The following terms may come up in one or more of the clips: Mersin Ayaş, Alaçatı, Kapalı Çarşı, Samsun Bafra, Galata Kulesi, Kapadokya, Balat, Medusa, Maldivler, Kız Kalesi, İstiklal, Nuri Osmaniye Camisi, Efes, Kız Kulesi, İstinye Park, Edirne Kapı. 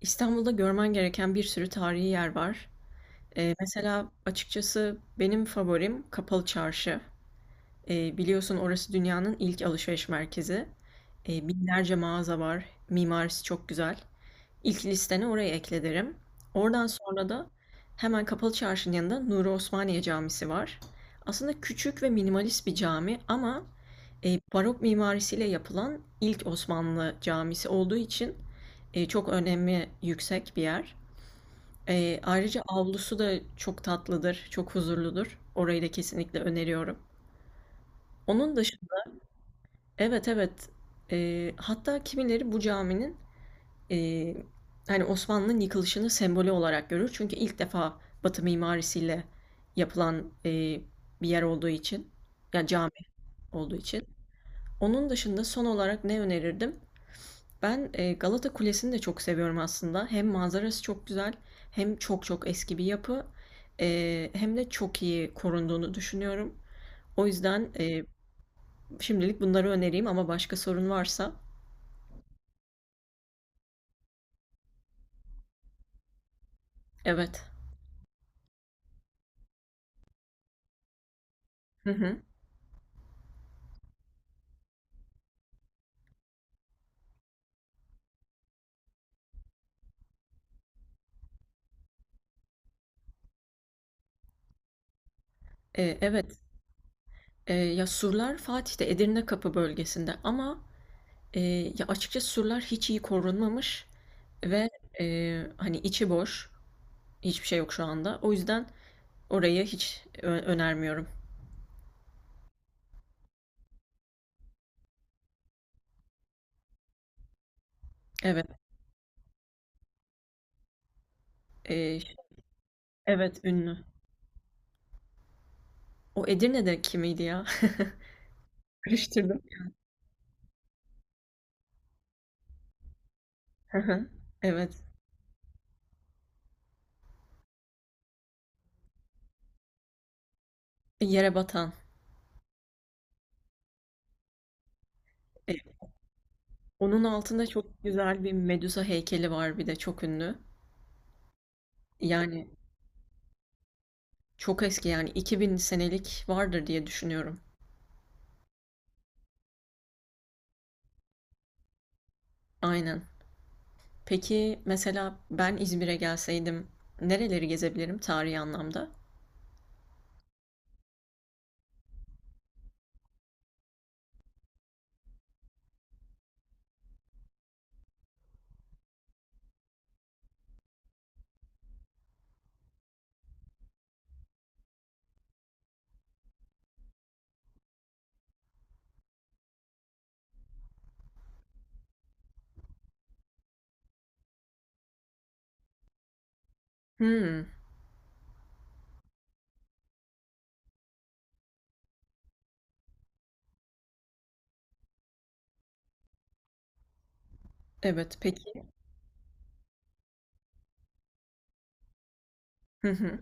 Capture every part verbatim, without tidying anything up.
İstanbul'da görmen gereken bir sürü tarihi yer var. Eee, mesela açıkçası benim favorim Kapalı Çarşı. Eee, biliyorsun orası dünyanın ilk alışveriş merkezi. Eee, binlerce mağaza var. Mimarisi çok güzel. İlk listene orayı ekle derim. Oradan sonra da hemen Kapalı Çarşı'nın yanında Nuri Osmaniye Camisi var. Aslında küçük ve minimalist bir cami ama eee, barok mimarisiyle yapılan ilk Osmanlı camisi olduğu için e, çok önemi yüksek bir yer. Eee, ayrıca avlusu da çok tatlıdır, çok huzurludur. Orayı da kesinlikle öneriyorum. Onun dışında, evet, evet. Eee, hatta kimileri bu caminin, eee, hani, Osmanlı'nın yıkılışını sembolü olarak görür. Çünkü ilk defa Batı mimarisiyle yapılan, eee, bir yer olduğu için, yani, cami olduğu için. Onun dışında son olarak ne önerirdim? Ben, eee, Galata Kulesi'ni de çok seviyorum aslında. Hem manzarası çok güzel, hem çok çok eski bir yapı, eee, hem de çok iyi korunduğunu düşünüyorum. O yüzden, eee, şimdilik bunları önereyim ama başka sorun varsa evet. Hı hı. Eee, evet. Eee, ya surlar Fatih'te, Edirne Kapı bölgesinde ama, eee, ya açıkçası surlar hiç iyi korunmamış ve, eee, hani içi boş, hiçbir şey yok şu anda. O yüzden orayı hiç ö önermiyorum. Evet. E, evet, ünlü. O Edirne'deki miydi ya? Karıştırdım. Hı hı. Evet. E, Yere batan. E, onun altında çok güzel bir Medusa heykeli var bir de çok ünlü. Yani çok eski, yani iki bin senelik vardır diye düşünüyorum. Aynen. Peki mesela ben İzmir'e gelseydim nereleri gezebilirim tarihi anlamda? Hmm, evet, peki. Hı hı.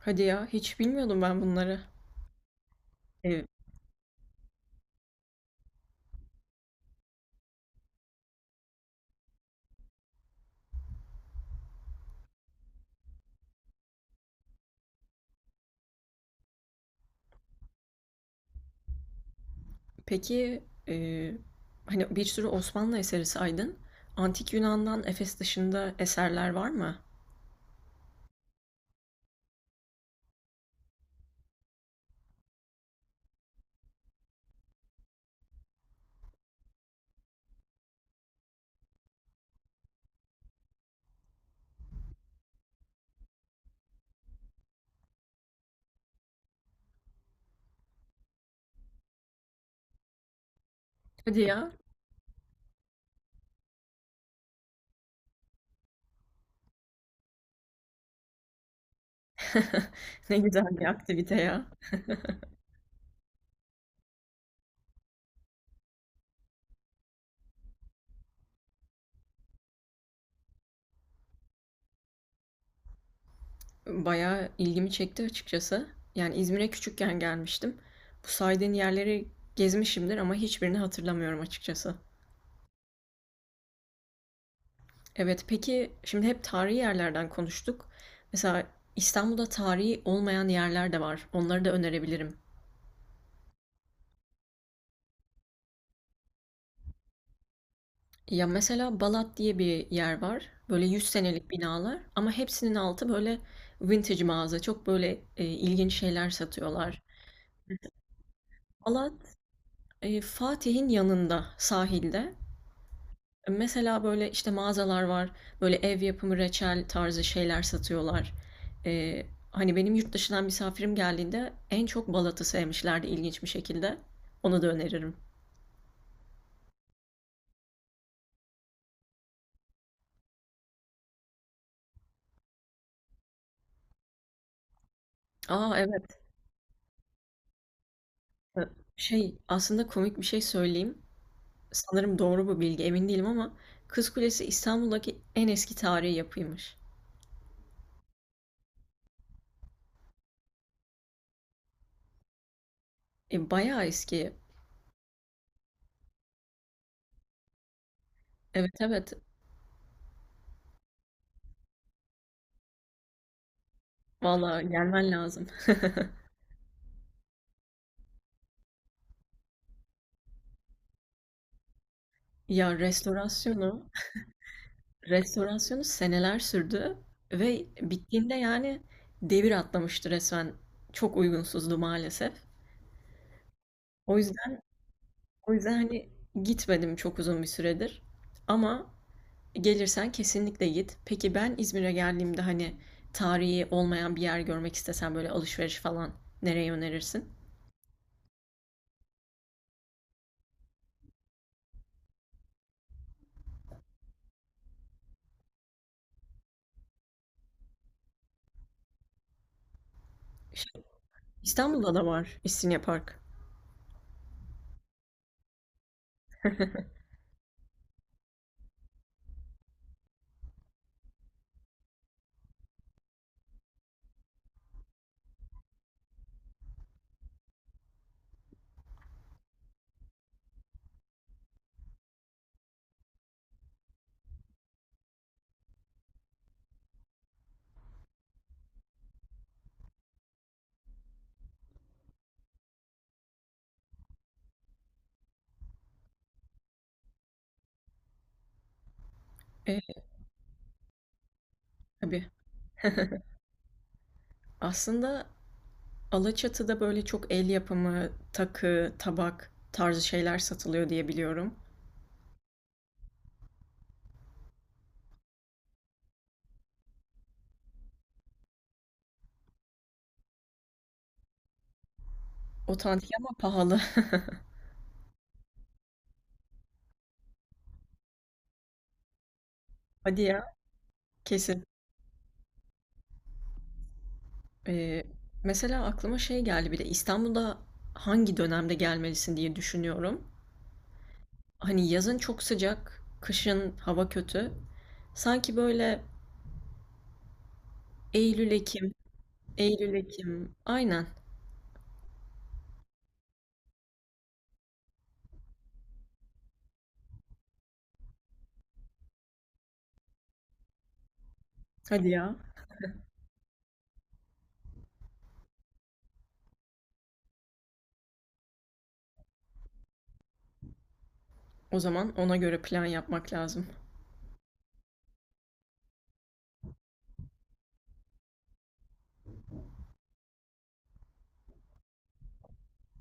Hadi ya, hiç bilmiyordum ben bunları. E, peki, eee, hani, bir sürü Osmanlı eseri saydın. Antik Yunan'dan Efes dışında eserler var mı? Hadi ya. Ne güzel bir aktivite ya. Bayağı ilgimi çekti açıkçası. Yani İzmir'e küçükken gelmiştim. Bu saydığın yerleri gezmişimdir ama hiçbirini hatırlamıyorum açıkçası. Evet, peki, şimdi hep tarihi yerlerden konuştuk. Mesela İstanbul'da tarihi olmayan yerler de var. Onları da önerebilirim. Ya, mesela Balat diye bir yer var. Böyle yüz senelik binalar ama hepsinin altı böyle vintage mağaza. Çok böyle, eee, ilginç şeyler satıyorlar. Balat, eee, Fatih'in yanında, sahilde. Mesela böyle, işte, mağazalar var. Böyle ev yapımı reçel tarzı şeyler satıyorlar. Eee, Hani, benim yurt dışından misafirim geldiğinde en çok Balat'ı sevmişlerdi ilginç bir şekilde. Onu da öneririm. A, evet. Şey, aslında komik bir şey söyleyeyim. Sanırım doğru bu bilgi, emin değilim ama Kız Kulesi İstanbul'daki en eski tarihi yapıymış. E, bayağı eski. Evet, evet. Vallahi gelmen lazım. Ya restorasyonu, restorasyonu seneler sürdü ve bittiğinde yani devir atlamıştı resmen. Çok uygunsuzdu maalesef. O yüzden o yüzden hani gitmedim çok uzun bir süredir. Ama gelirsen kesinlikle git. Peki ben İzmir'e geldiğimde hani tarihi olmayan bir yer görmek istesem, böyle alışveriş falan nereye önerirsin? Şey, İstanbul'da da var İstinye Park. E, tabii. Aslında Alaçatı'da böyle çok el yapımı, takı, tabak tarzı şeyler satılıyor diye biliyorum. Otantik ama pahalı. Hadi ya. Kesin. E, mesela aklıma şey geldi, bir de İstanbul'da hangi dönemde gelmelisin diye düşünüyorum. Hani yazın çok sıcak, kışın hava kötü. Sanki böyle Eylül Ekim, Eylül Ekim. Aynen. Hadi ya. O zaman ona göre plan yapmak lazım.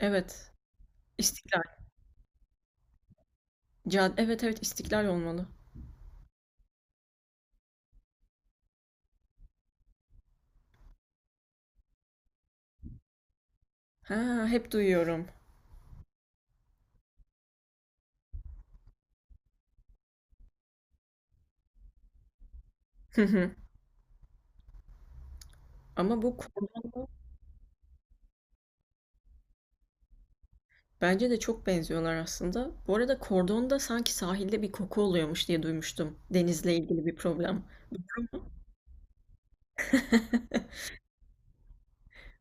Evet. İstiklal. Cad evet, evet, İstiklal olmalı. Ha, hep duyuyorum. Hı hı. Ama bu kordonda bence de çok benziyorlar aslında. Bu arada kordonda sanki sahilde bir koku oluyormuş diye duymuştum. Denizle ilgili bir problem. Doğru mu?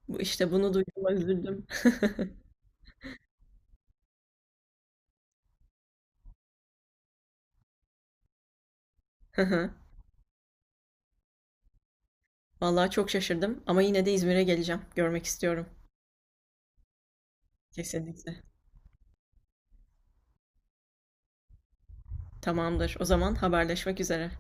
Bu işte, bunu duyduğuma üzüldüm. Vallahi çok şaşırdım ama yine de İzmir'e geleceğim. Görmek istiyorum. Kesinlikle. Tamamdır. O zaman haberleşmek üzere.